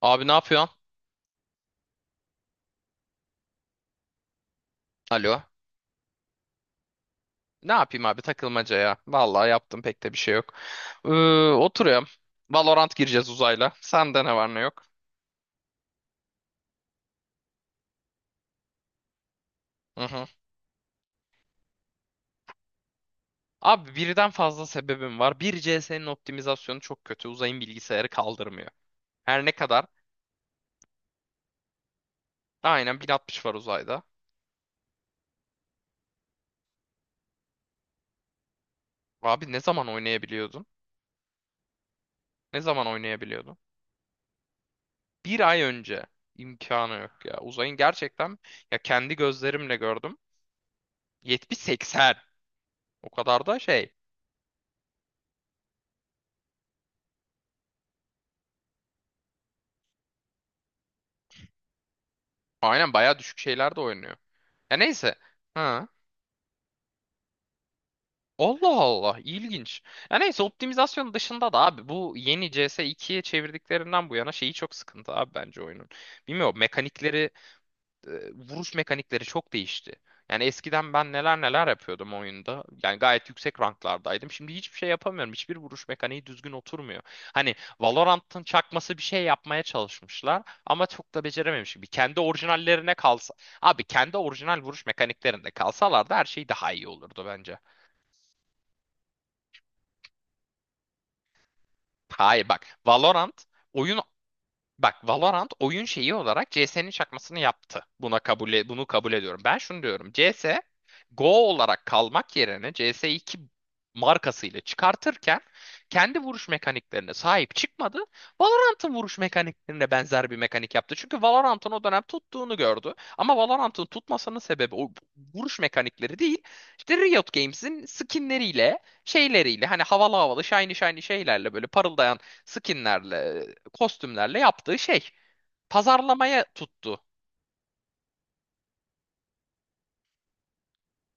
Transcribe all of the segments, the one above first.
Abi ne yapıyorsun? Alo. Ne yapayım abi, takılmaca ya. Vallahi yaptım pek de bir şey yok. Ee, Oturuyorum. Valorant gireceğiz uzayla. Sende ne var ne yok? Hı hı. Abi, birden fazla sebebim var. Bir, CS'nin optimizasyonu çok kötü. Uzayın bilgisayarı kaldırmıyor. Her ne kadar? Aynen 1060 var uzayda. Abi ne zaman oynayabiliyordun? Ne zaman oynayabiliyordun? Bir ay önce. İmkanı yok ya. Uzayın gerçekten, ya, kendi gözlerimle gördüm. 70-80. O kadar da şey. Aynen bayağı düşük şeyler de oynuyor. Ya neyse. Ha. Allah Allah, ilginç. Ya neyse, optimizasyon dışında da abi, bu yeni CS 2'ye çevirdiklerinden bu yana şeyi çok sıkıntı abi, bence oyunun. Bilmiyorum mekanikleri vuruş mekanikleri çok değişti. Yani eskiden ben neler neler yapıyordum oyunda. Yani gayet yüksek ranklardaydım. Şimdi hiçbir şey yapamıyorum. Hiçbir vuruş mekaniği düzgün oturmuyor. Hani Valorant'ın çakması bir şey yapmaya çalışmışlar ama çok da becerememiş gibi. Kendi orijinallerine kalsa, abi, kendi orijinal vuruş mekaniklerinde kalsalardı her şey daha iyi olurdu bence. Hayır, bak. Oyun Valorant oyun şeyi olarak CS'nin çakmasını yaptı. Bunu kabul ediyorum. Ben şunu diyorum. CS:GO olarak kalmak yerine, CS 2 markasıyla çıkartırken kendi vuruş mekaniklerine sahip çıkmadı. Valorant'ın vuruş mekaniklerine benzer bir mekanik yaptı. Çünkü Valorant'ın o dönem tuttuğunu gördü. Ama Valorant'ın tutmasının sebebi o vuruş mekanikleri değil. İşte Riot Games'in skinleriyle, şeyleriyle, hani havalı havalı, shiny shiny şeylerle, böyle parıldayan skinlerle, kostümlerle yaptığı şey. Pazarlamaya tuttu.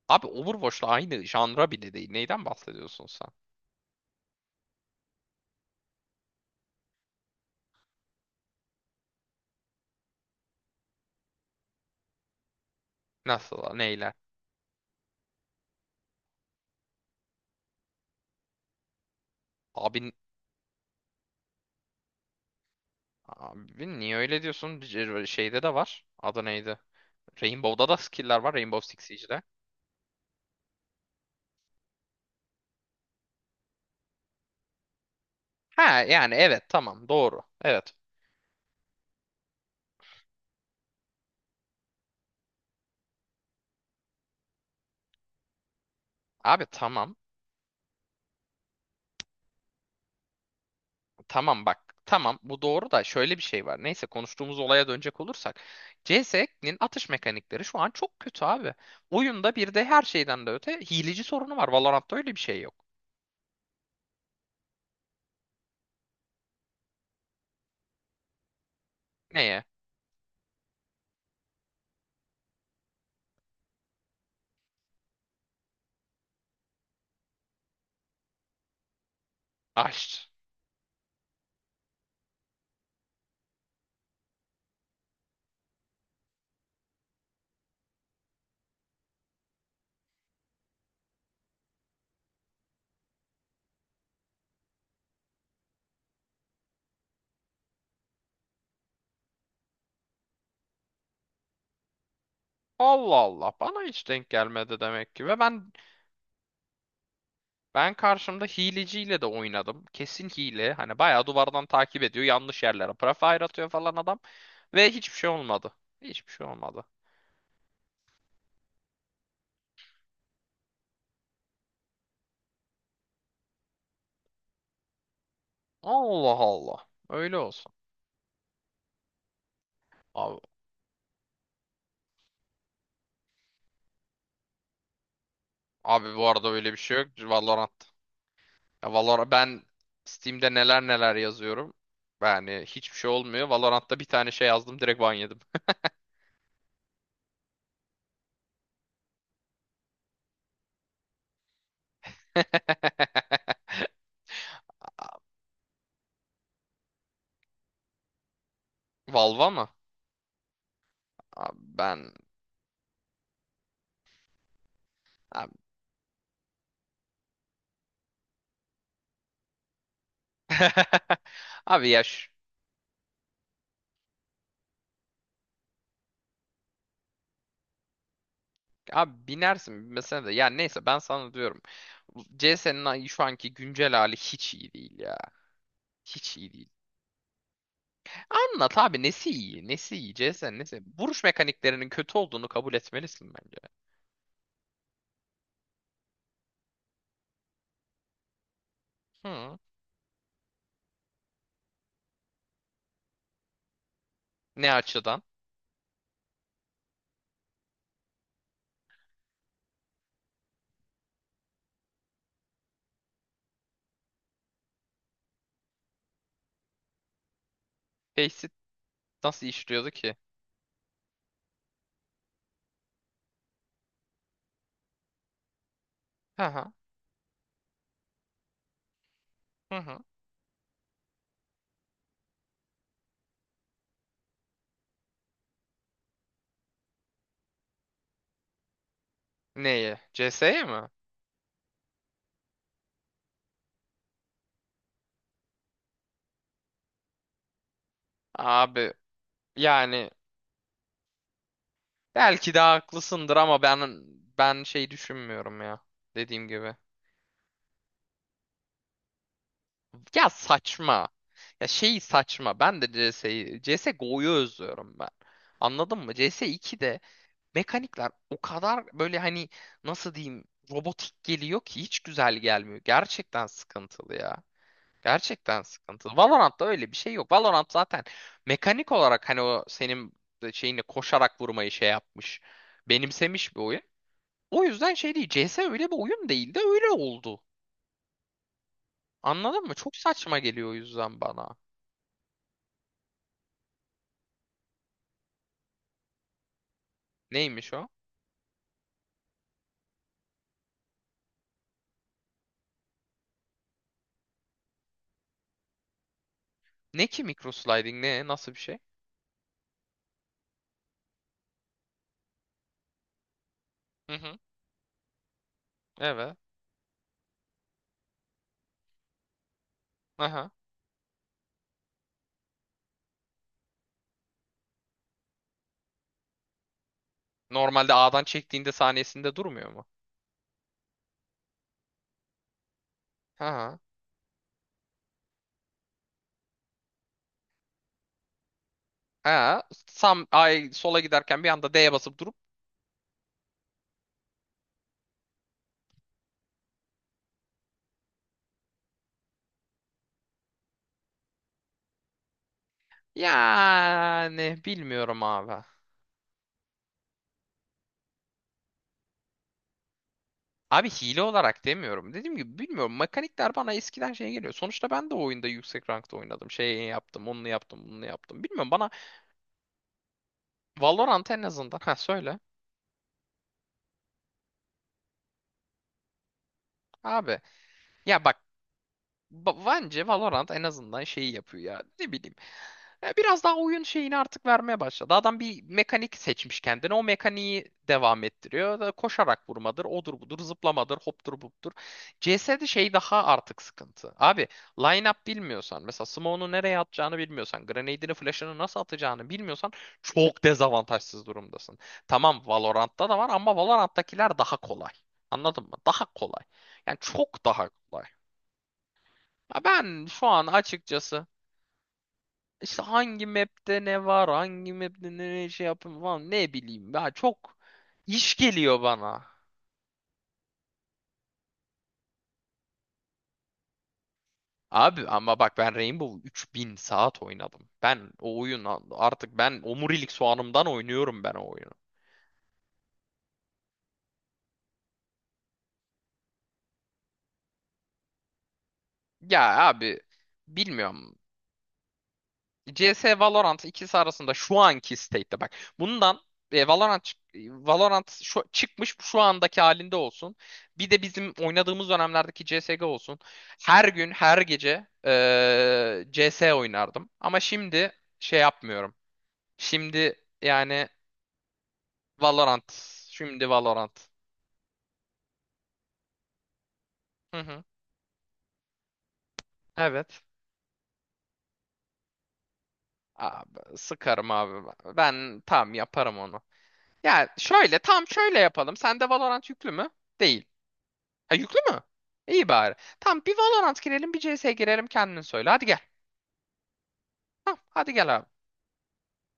Abi, Overwatch'la aynı janra bile değil. Neyden bahsediyorsun sen? Nasıl? Neyle? Abi, abi, niye öyle diyorsun? Şeyde de var. Adı neydi? Rainbow'da da skill'ler var. Rainbow Six Siege'de. Ha, yani, evet, tamam, doğru. Evet. Abi tamam. Tamam bak. Tamam, bu doğru da şöyle bir şey var. Neyse, konuştuğumuz olaya dönecek olursak. CS'nin atış mekanikleri şu an çok kötü abi. Oyunda bir de her şeyden de öte hileci sorunu var. Valorant'ta öyle bir şey yok. Neye? Aşk. Allah Allah, bana hiç denk gelmedi demek ki. Ve ben karşımda hileciyle de oynadım. Kesin hile. Hani bayağı duvardan takip ediyor. Yanlış yerlere prefire atıyor falan adam. Ve hiçbir şey olmadı. Hiçbir şey olmadı. Allah Allah. Öyle olsun. Abi. Abi, bu arada öyle bir şey yok. Valorant. Ya Valorant, ben Steam'de neler neler yazıyorum. Yani hiçbir şey olmuyor. Valorant'ta bir tane şey yazdım, direkt ban yedim. Valva mı? Abi ben abi, abi ya şu- abi binersin mesela de, ya neyse, ben sana diyorum. CS'nin şu anki güncel hali hiç iyi değil ya. Hiç iyi değil. Anlat abi, nesi iyi? Nesi iyi? CS'nin nesi? Vuruş mekaniklerinin kötü olduğunu kabul etmelisin bence. Hı. Ne açıdan? Nasıl işliyordu ki? Hı hı. Hı hı. Neyi? CS'ye mi? Abi yani belki de haklısındır ama ben şey düşünmüyorum ya. Dediğim gibi. Ya saçma. Ya şey saçma. Ben de CS'yi CS:GO'yu özlüyorum ben. Anladın mı? CS2'de mekanikler o kadar böyle, hani, nasıl diyeyim, robotik geliyor ki hiç güzel gelmiyor. Gerçekten sıkıntılı ya. Gerçekten sıkıntılı. Valorant'ta öyle bir şey yok. Valorant zaten mekanik olarak hani o senin şeyini koşarak vurmayı şey yapmış. Benimsemiş bir oyun. O yüzden şey değil. CS öyle bir oyun değil de öyle oldu. Anladın mı? Çok saçma geliyor o yüzden bana. Neymiş o? Ne ki microsliding ne? Nasıl bir şey? Hı hı. Evet. Aha. Normalde A'dan çektiğinde saniyesinde durmuyor mu? Ha. Ha. Sam ay sola giderken, bir anda D'ye basıp durup yani bilmiyorum abi. Abi hile olarak demiyorum. Dediğim gibi, bilmiyorum. Mekanikler bana eskiden şey geliyor. Sonuçta ben de o oyunda yüksek rankta oynadım. Şey yaptım, onu yaptım, bunu yaptım. Bilmiyorum bana. Valorant en azından. Ha, söyle. Abi ya bak. Bence Valorant en azından şeyi yapıyor ya. Ne bileyim. Ya, biraz daha oyun şeyini artık vermeye başladı. Adam bir mekanik seçmiş kendine. O mekaniği devam ettiriyor. Da, koşarak vurmadır, odur budur, zıplamadır, hoptur buptur. CS'de şey daha artık sıkıntı. Abi, line-up bilmiyorsan, mesela smoke'unu nereye atacağını bilmiyorsan, grenade'ini, flash'ını nasıl atacağını bilmiyorsan çok dezavantajsız durumdasın. Tamam, Valorant'ta da var ama Valorant'takiler daha kolay. Anladın mı? Daha kolay. Yani çok daha kolay. Ya ben şu an açıkçası işte hangi map'te ne var, hangi map'te ne şey yapın falan, ne bileyim. Ya çok iş geliyor bana. Abi ama bak, ben Rainbow 3.000 saat oynadım. Ben omurilik soğanımdan oynuyorum ben o oyunu. Ya abi, bilmiyorum. CS Valorant, ikisi arasında şu anki state'te bak. Bundan e, Valorant çık- Valorant şu, çıkmış şu andaki halinde olsun. Bir de bizim oynadığımız dönemlerdeki CS:GO olsun. Her gün, her gece CS oynardım. Ama şimdi şey yapmıyorum. Şimdi yani Valorant. Şimdi Valorant. Hı hı. Evet. Abi, sıkarım abi. Ben tam yaparım onu. Ya şöyle, tam şöyle yapalım. Sende Valorant yüklü mü? Değil. Ha, yüklü mü? İyi bari. Tamam, bir Valorant girelim, bir CS girelim, kendin söyle. Hadi gel. Tamam, hadi gel abi.